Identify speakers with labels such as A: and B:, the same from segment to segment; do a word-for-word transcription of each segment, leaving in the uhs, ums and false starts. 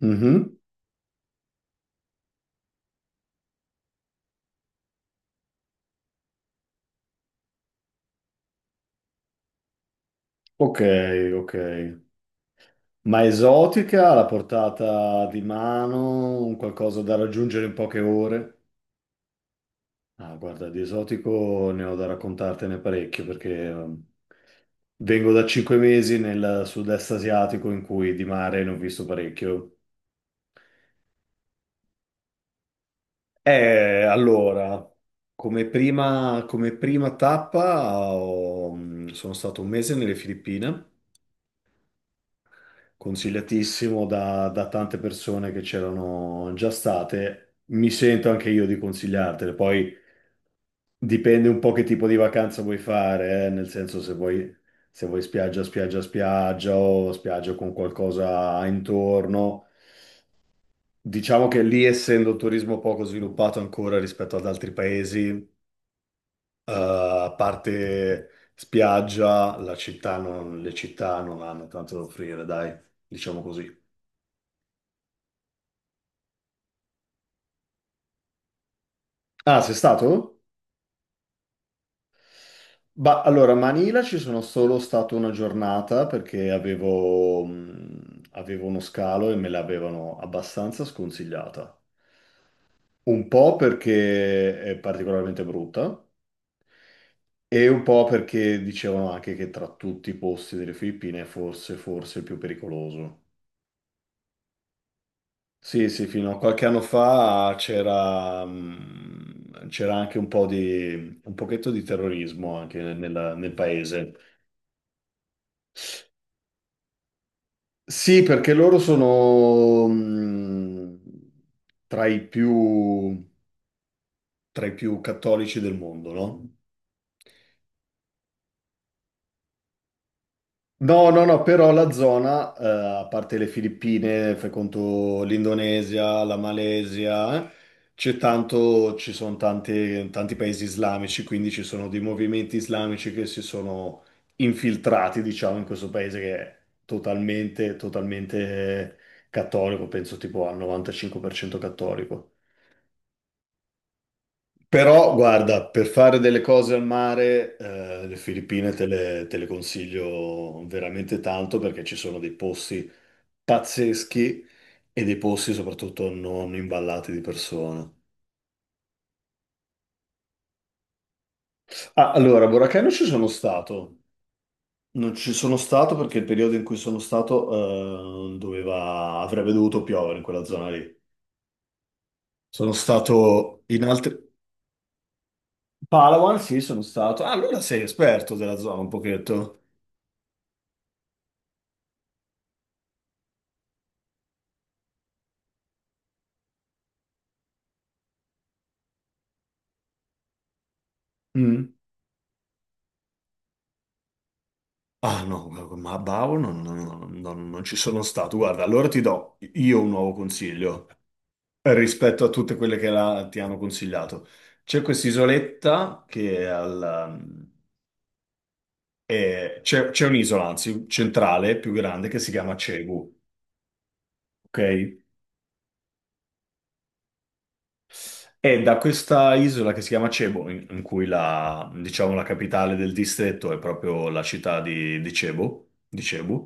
A: Mhm. Ok, ok. Ma esotica, alla portata di mano, un qualcosa da raggiungere in poche ore? Ah, guarda, di esotico ne ho da raccontartene parecchio perché um, vengo da cinque mesi nel sud-est asiatico in cui di mare ne ho visto parecchio. Eh, allora, come prima, come prima tappa ho- mm, sono stato un mese nelle Filippine. consigliatissimo da, da tante persone che c'erano già state. Mi sento anche io di consigliartele. Poi dipende un po' che tipo di vacanza vuoi fare, eh, Nel senso se vuoi, se vuoi spiaggia, spiaggia, spiaggia o spiaggia con qualcosa intorno. Diciamo che lì, essendo un turismo poco sviluppato ancora rispetto ad altri paesi, eh, a parte spiaggia, la città non- le città non hanno tanto da offrire, dai, diciamo così. Ah, sei stato? Bah, allora, a Manila ci sono solo stato una giornata perché avevo, mh, avevo uno scalo e me l'avevano abbastanza sconsigliata. Un po' perché è particolarmente brutta e un po' perché dicevano anche che tra tutti i posti delle Filippine è forse, forse il più pericoloso. Sì, sì, fino a qualche anno fa c'era mh, c'era anche un po' di, un pochetto di terrorismo anche nel nel paese. Sì, perché loro sono mh, tra i più, tra i più cattolici del mondo, no? No, no, no, però la zona, eh, a parte le Filippine, fai conto l'Indonesia, la Malesia, eh, c'è tanto, ci sono tanti, tanti paesi islamici, quindi ci sono dei movimenti islamici che si sono infiltrati, diciamo, in questo paese che è totalmente, totalmente cattolico, penso tipo al novantacinque per cento cattolico. Però, guarda, per fare delle cose al mare, eh, le Filippine te le, te le consiglio veramente tanto perché ci sono dei posti pazzeschi e dei posti soprattutto non imballati di persone. Ah, allora, a Boracay non ci sono stato. Non ci sono stato perché il periodo in cui sono stato eh, doveva, avrebbe dovuto piovere in quella zona lì. Sono stato in altri. Palawan, sì, sono stato. Ah, allora sei esperto della zona un pochetto. Mm. Ah no, guarda, ma a Bau non, non- non- non ci sono stato. Guarda, allora ti do io un nuovo consiglio, rispetto a tutte quelle che la- ti hanno consigliato. C'è quest'isoletta che è al, ehm, è- c'è c'è un'isola, anzi, centrale, più grande, che si chiama Cebu, ok? E da questa isola che si chiama Cebu, in, in cui la, diciamo, la capitale del distretto è proprio la città di, di Cebu, di Cebu,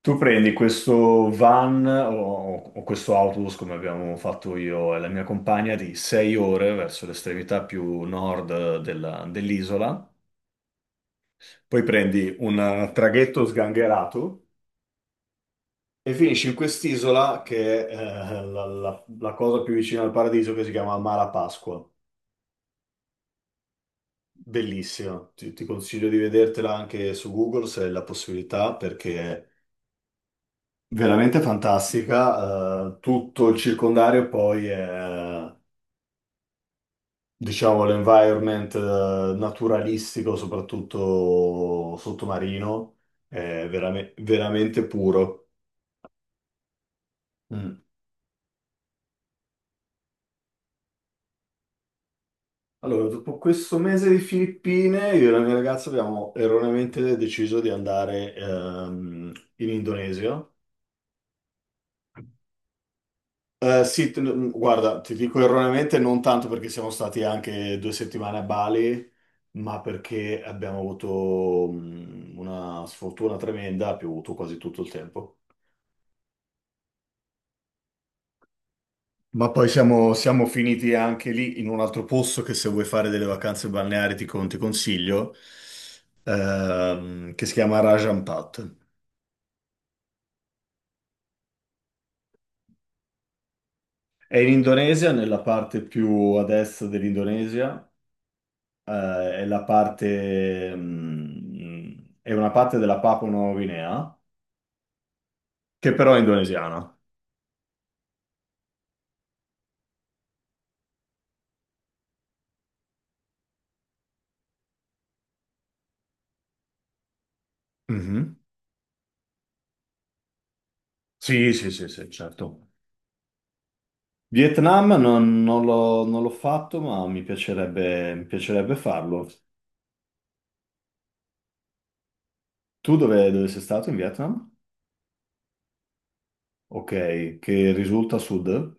A: tu prendi questo van o, o questo autobus, come abbiamo fatto io e la mia compagna, di sei ore verso l'estremità più nord della- dell'isola. Poi prendi un eh, traghetto sgangherato e finisci in quest'isola che è eh, la, la- la cosa più vicina al paradiso che si chiama Mala Pasqua. Bellissima. Ti, ti consiglio di vedertela anche su Google se hai la possibilità perché è veramente fantastica. Eh, tutto il circondario poi è, diciamo, l'environment eh, naturalistico, soprattutto sottomarino, è verame- veramente puro. Mm. Allora, dopo questo mese di Filippine, io e la mia ragazza abbiamo erroneamente deciso di andare ehm, in Indonesia. Eh, sì, t- n- guarda, ti dico erroneamente non tanto perché siamo stati anche due settimane a Bali, ma perché abbiamo avuto mm, una sfortuna tremenda, ha piovuto quasi tutto il tempo. Ma poi siamo, siamo finiti anche lì in un altro posto che se vuoi fare delle vacanze balneari ti, con- ti consiglio, ehm, che si chiama Raja Ampat. È in Indonesia, nella parte più a destra dell'Indonesia, eh, è la parte, mm, è una parte della Papua Nuova Guinea, che però è indonesiana. Mhm. Sì, sì, sì, sì, certo. Vietnam non, non l'ho non l'ho fatto, ma mi piacerebbe, mi piacerebbe farlo. Tu dove, dove sei stato in Vietnam? Ok, che risulta a sud?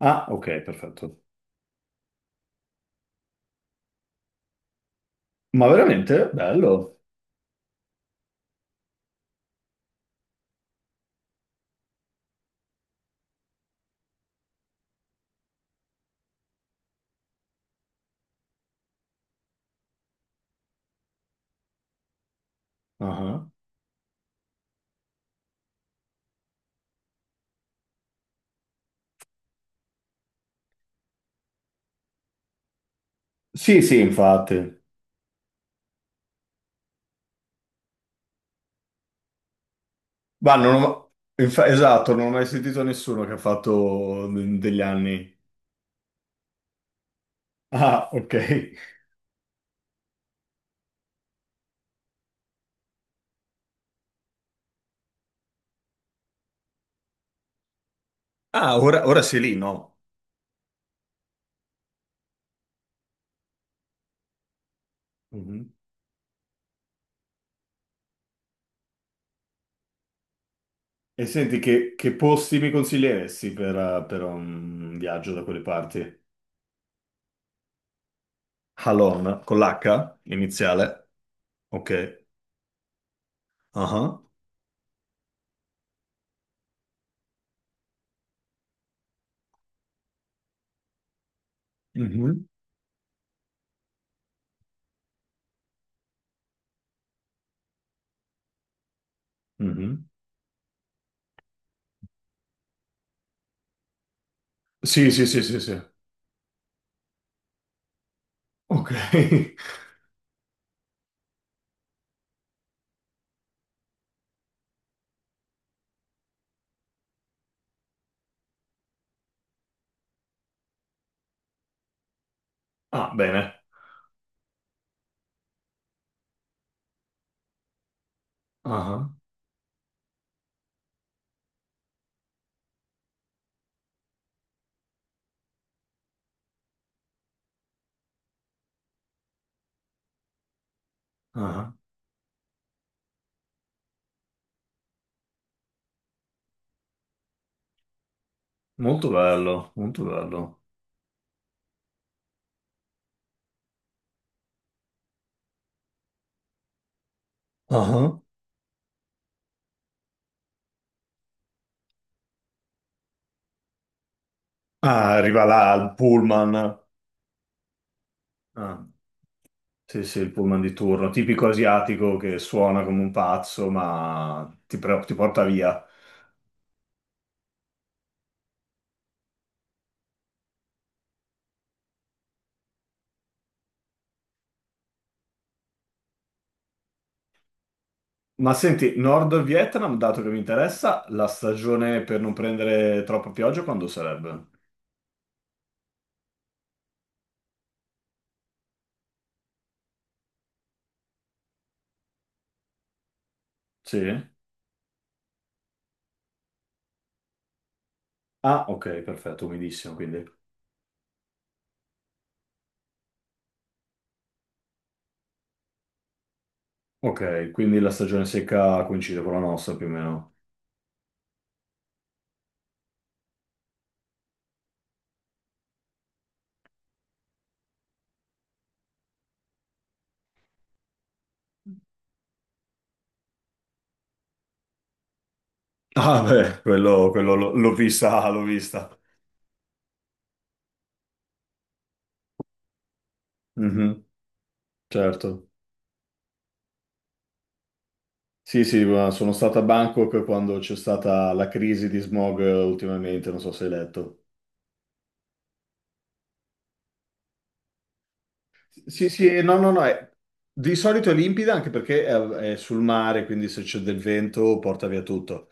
A: Ah, ok, perfetto. Ma veramente? Bello. Ah. Sì, sì, infatti. Ma non ho... infa- Esatto, non ho mai sentito nessuno che ha fatto de- degli anni. Ah, ok. Ah, ora, ora sei lì, no? Mhm. E senti, che, che posti mi consiglieresti per, eh, per un viaggio da quelle parti? Halon, con l'H iniziale. Ok. Ah. Mhm. Mhm. Sì, sì, sì, sì, sì. Ok. Ah, bene. Ah, ah. Molto bello, molto bello. Ah. Ah, arriva là il pullman. Ah, sì, sì, il pullman di turno, tipico asiatico che suona come un pazzo, ma ti, pre- ti porta via. Ma senti, Nord Vietnam, dato che mi interessa, la stagione per non prendere troppa pioggia quando sarebbe? Sì? Ah, ok, perfetto, umidissimo, quindi. Ok, quindi la stagione secca coincide con la nostra più o meno. Ah, beh, quello, quello l'ho l'ho vista, l'ho vista. Mhm, certo. Sì, sì, ma sono stato a Bangkok quando c'è stata la crisi di smog eh, ultimamente, non so se hai letto. Sì, sì, no, no, no, è- di solito è limpida anche perché è, è sul mare, quindi se c'è del vento porta via tutto.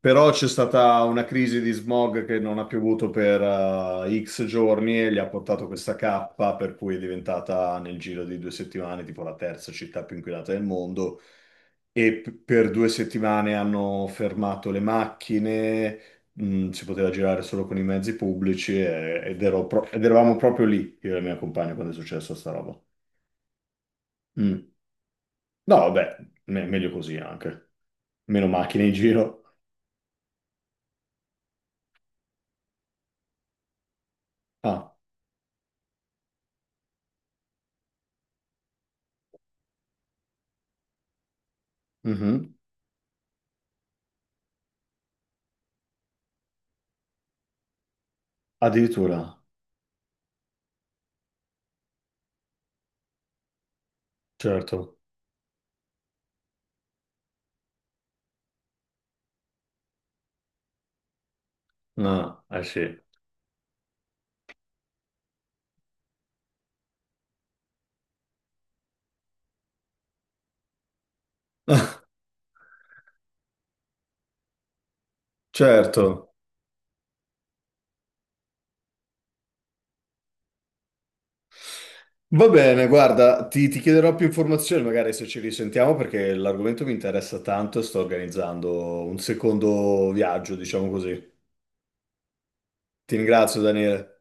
A: Però c'è stata una crisi di smog che non ha piovuto per eh, X giorni e gli ha portato questa cappa, per cui è diventata nel giro di due settimane tipo la terza città più inquinata del mondo. E p- per due settimane hanno fermato le macchine. mh, si poteva girare solo con i mezzi pubblici e- ed, ero pro- ed eravamo proprio lì, io e la mia compagna, quando è successo sta roba. Mm. No, vabbè, me- meglio così anche. Meno macchine in giro. Ah, mhm. Addirittura. Certo. Ah, eh sì. Certo. Va bene, guarda, ti, ti chiederò più informazioni magari se ci risentiamo perché l'argomento mi interessa tanto e sto organizzando un secondo viaggio, diciamo così. Ti ringrazio, Daniele.